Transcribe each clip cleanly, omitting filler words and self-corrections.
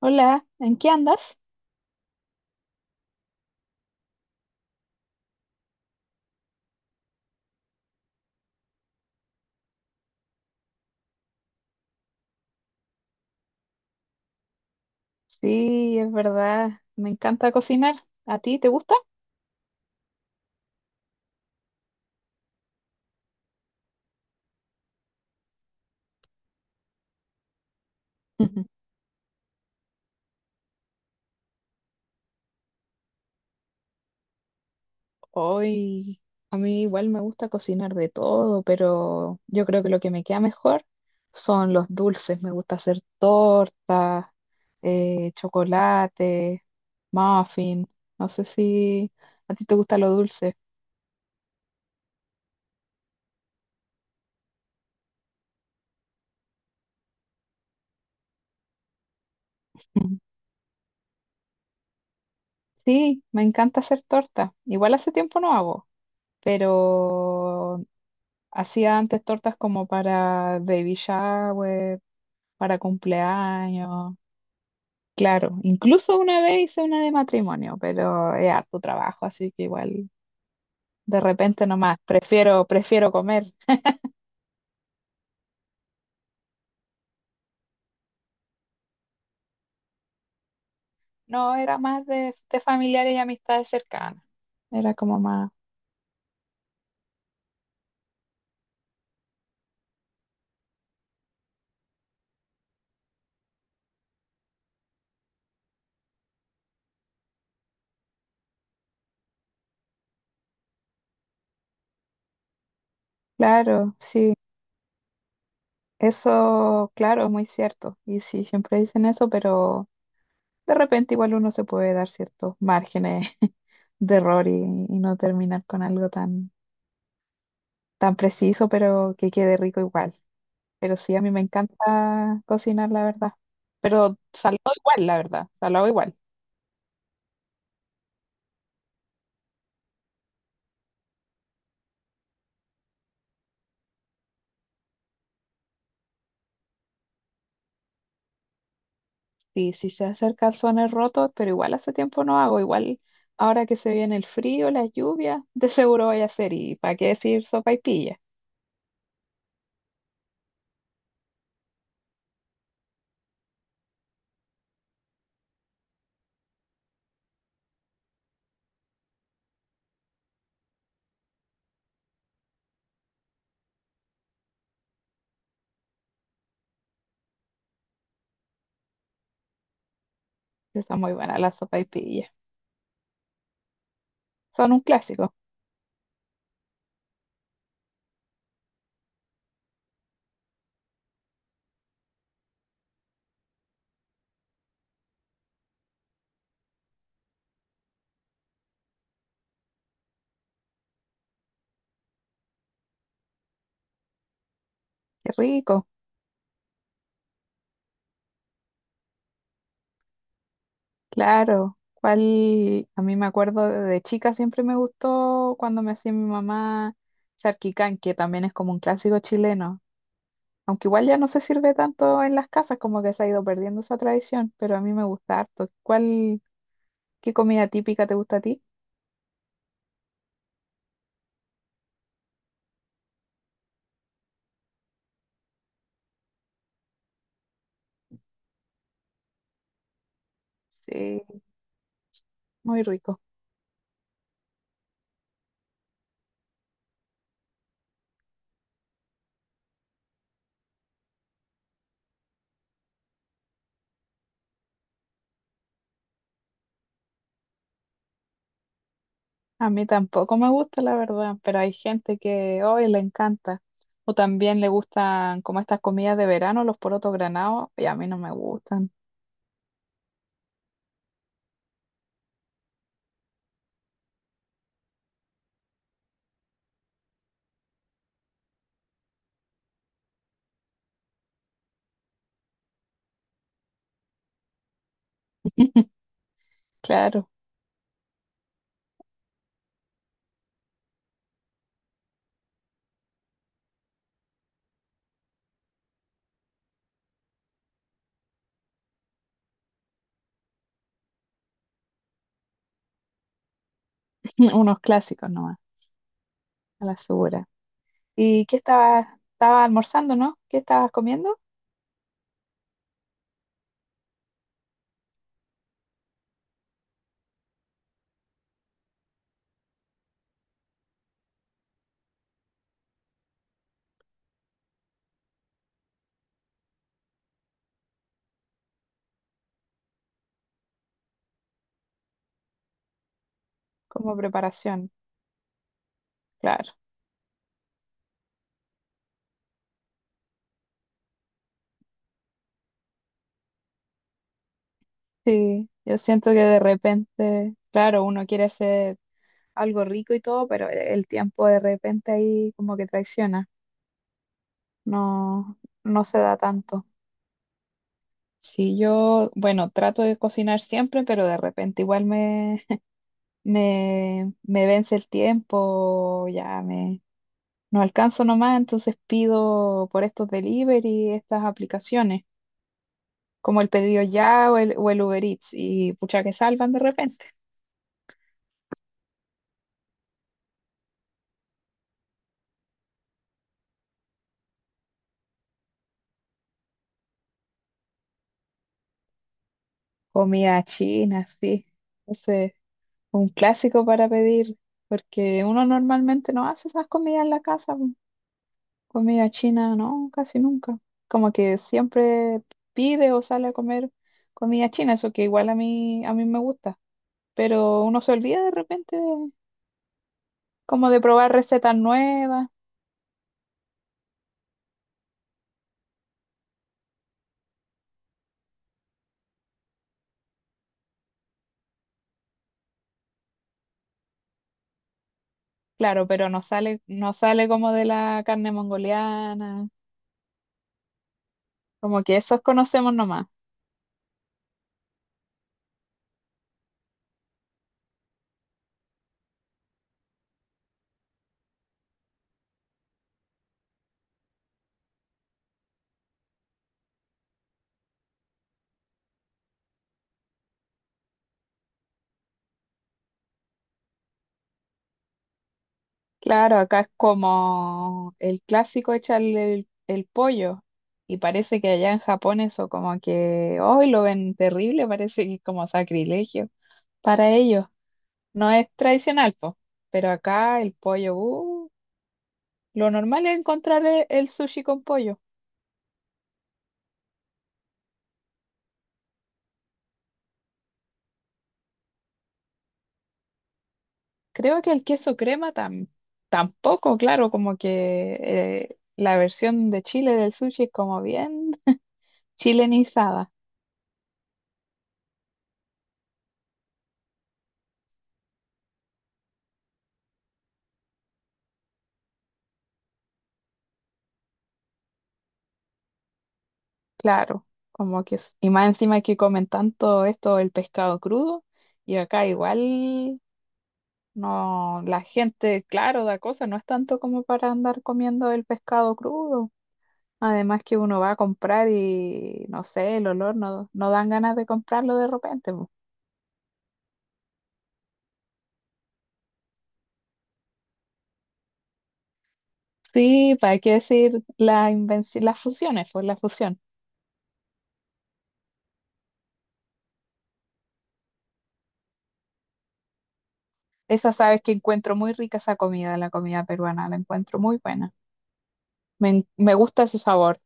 Hola, ¿en qué andas? Sí, es verdad, me encanta cocinar. ¿A ti te gusta? Ujú. Hoy, a mí igual me gusta cocinar de todo, pero yo creo que lo que me queda mejor son los dulces. Me gusta hacer tortas, chocolate, muffin. No sé si a ti te gusta lo dulce. Ujú. Sí, me encanta hacer torta. Igual hace tiempo no hago, pero hacía antes tortas como para baby shower, para cumpleaños. Claro, incluso una vez hice una de matrimonio, pero es harto trabajo, así que igual de repente nomás prefiero comer. No, era más de familiares y amistades cercanas. Era como más, claro, sí, eso, claro, es muy cierto. Y sí, siempre dicen eso, pero de repente igual uno se puede dar ciertos márgenes de error y no terminar con algo tan, tan preciso, pero que quede rico igual. Pero sí, a mí me encanta cocinar, la verdad. Pero salado igual, la verdad, salado igual. Sí, sí se hacen calzones rotos, pero igual hace tiempo no hago. Igual ahora que se viene el frío, las lluvias, de seguro voy a hacer. ¿Y para qué decir sopaipilla? Está muy buena la sopaipilla. Son un clásico. Qué rico. Claro, cuál, a mí me acuerdo de chica siempre me gustó cuando me hacía mi mamá charquicán, que también es como un clásico chileno, aunque igual ya no se sirve tanto en las casas, como que se ha ido perdiendo esa tradición, pero a mí me gusta harto. ¿Cuál, qué comida típica te gusta a ti? Sí, muy rico. A mí tampoco me gusta, la verdad, pero hay gente que hoy le encanta. O también le gustan como estas comidas de verano, los porotos granados, y a mí no me gustan. Claro, unos clásicos nomás. A la segura. ¿Y qué estabas, estabas almorzando, no? ¿Qué estabas comiendo? Como preparación, claro. Sí, yo siento que de repente, claro, uno quiere hacer algo rico y todo, pero el tiempo de repente ahí como que traiciona. No, no se da tanto. Sí, yo, bueno, trato de cocinar siempre, pero de repente igual me, me vence el tiempo, ya me, no alcanzo nomás, entonces pido por estos delivery, estas aplicaciones, como el pedido ya o el Uber Eats, y pucha que salvan de repente. Comida china, sí. Ese un clásico para pedir, porque uno normalmente no hace esas comidas en la casa, po. Comida china, no, casi nunca. Como que siempre pide o sale a comer comida china, eso que igual a mí me gusta, pero uno se olvida de repente de- como de probar recetas nuevas. Claro, pero no sale, no sale como de la carne mongoliana. Como que esos conocemos nomás. Claro, acá es como el clásico echarle el pollo. Y parece que allá en Japón eso como que hoy lo ven terrible, parece que es como sacrilegio para ellos. No es tradicional, po. Pero acá el pollo, lo normal es encontrar sushi con pollo. Creo que el queso crema tampoco, claro, como que la versión de Chile del sushi es como bien chilenizada. Claro, como que, es- y más encima que comen tanto esto, el pescado crudo, y acá igual no, la gente, claro, da cosa, no es tanto como para andar comiendo el pescado crudo. Además que uno va a comprar y no sé, el olor no, no dan ganas de comprarlo de repente, po. Sí, para qué decir la invenci- las fusiones, pues la fusión. Esa sabes que encuentro muy rica esa comida, la comida peruana, la encuentro muy buena. Me, en- me gusta ese sabor.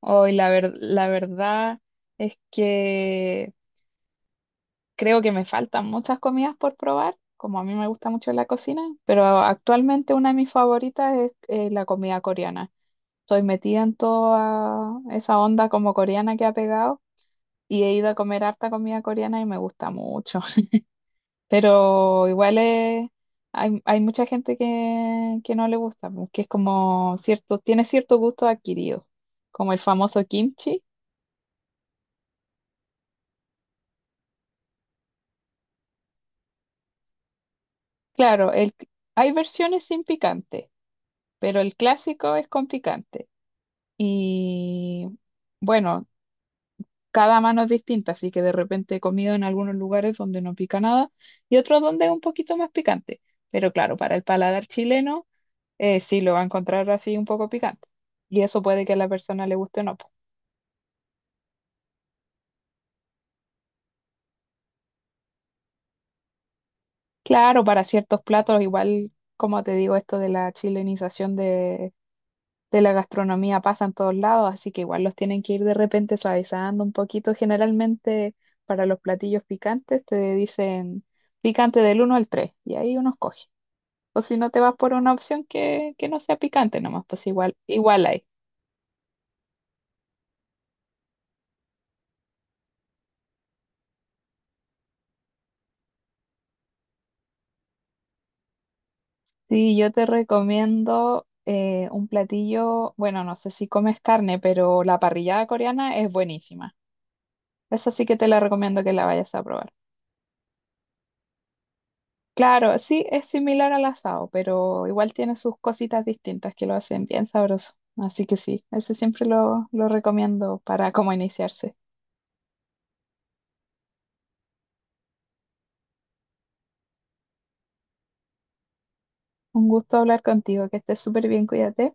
Hoy la ver- la verdad es que creo que me faltan muchas comidas por probar, como a mí me gusta mucho la cocina, pero actualmente una de mis favoritas es la comida coreana. Estoy metida en toda esa onda como coreana que ha pegado y he ido a comer harta comida coreana y me gusta mucho. Pero igual es- hay mucha gente que no le gusta, pues, que es como cierto, tiene cierto gusto adquirido, como el famoso kimchi. Claro, el, hay versiones sin picante, pero el clásico es con picante. Y bueno, cada mano es distinta, así que de repente he comido en algunos lugares donde no pica nada y otros donde es un poquito más picante. Pero claro, para el paladar chileno sí lo va a encontrar así un poco picante. Y eso puede que a la persona le guste o no, po. Claro, para ciertos platos, igual como te digo, esto de la chilenización de la gastronomía pasa en todos lados, así que igual los tienen que ir de repente suavizando un poquito. Generalmente para los platillos picantes te dicen picante del uno al 3 y ahí uno escoge. O si no te vas por una opción que no sea picante nomás, pues igual, igual hay. Sí, yo te recomiendo un platillo, bueno, no sé si comes carne, pero la parrillada coreana es buenísima. Esa sí que te la recomiendo que la vayas a probar. Claro, sí, es similar al asado, pero igual tiene sus cositas distintas que lo hacen bien sabroso. Así que sí, ese siempre lo recomiendo para como iniciarse. Un gusto hablar contigo, que estés súper bien, cuídate.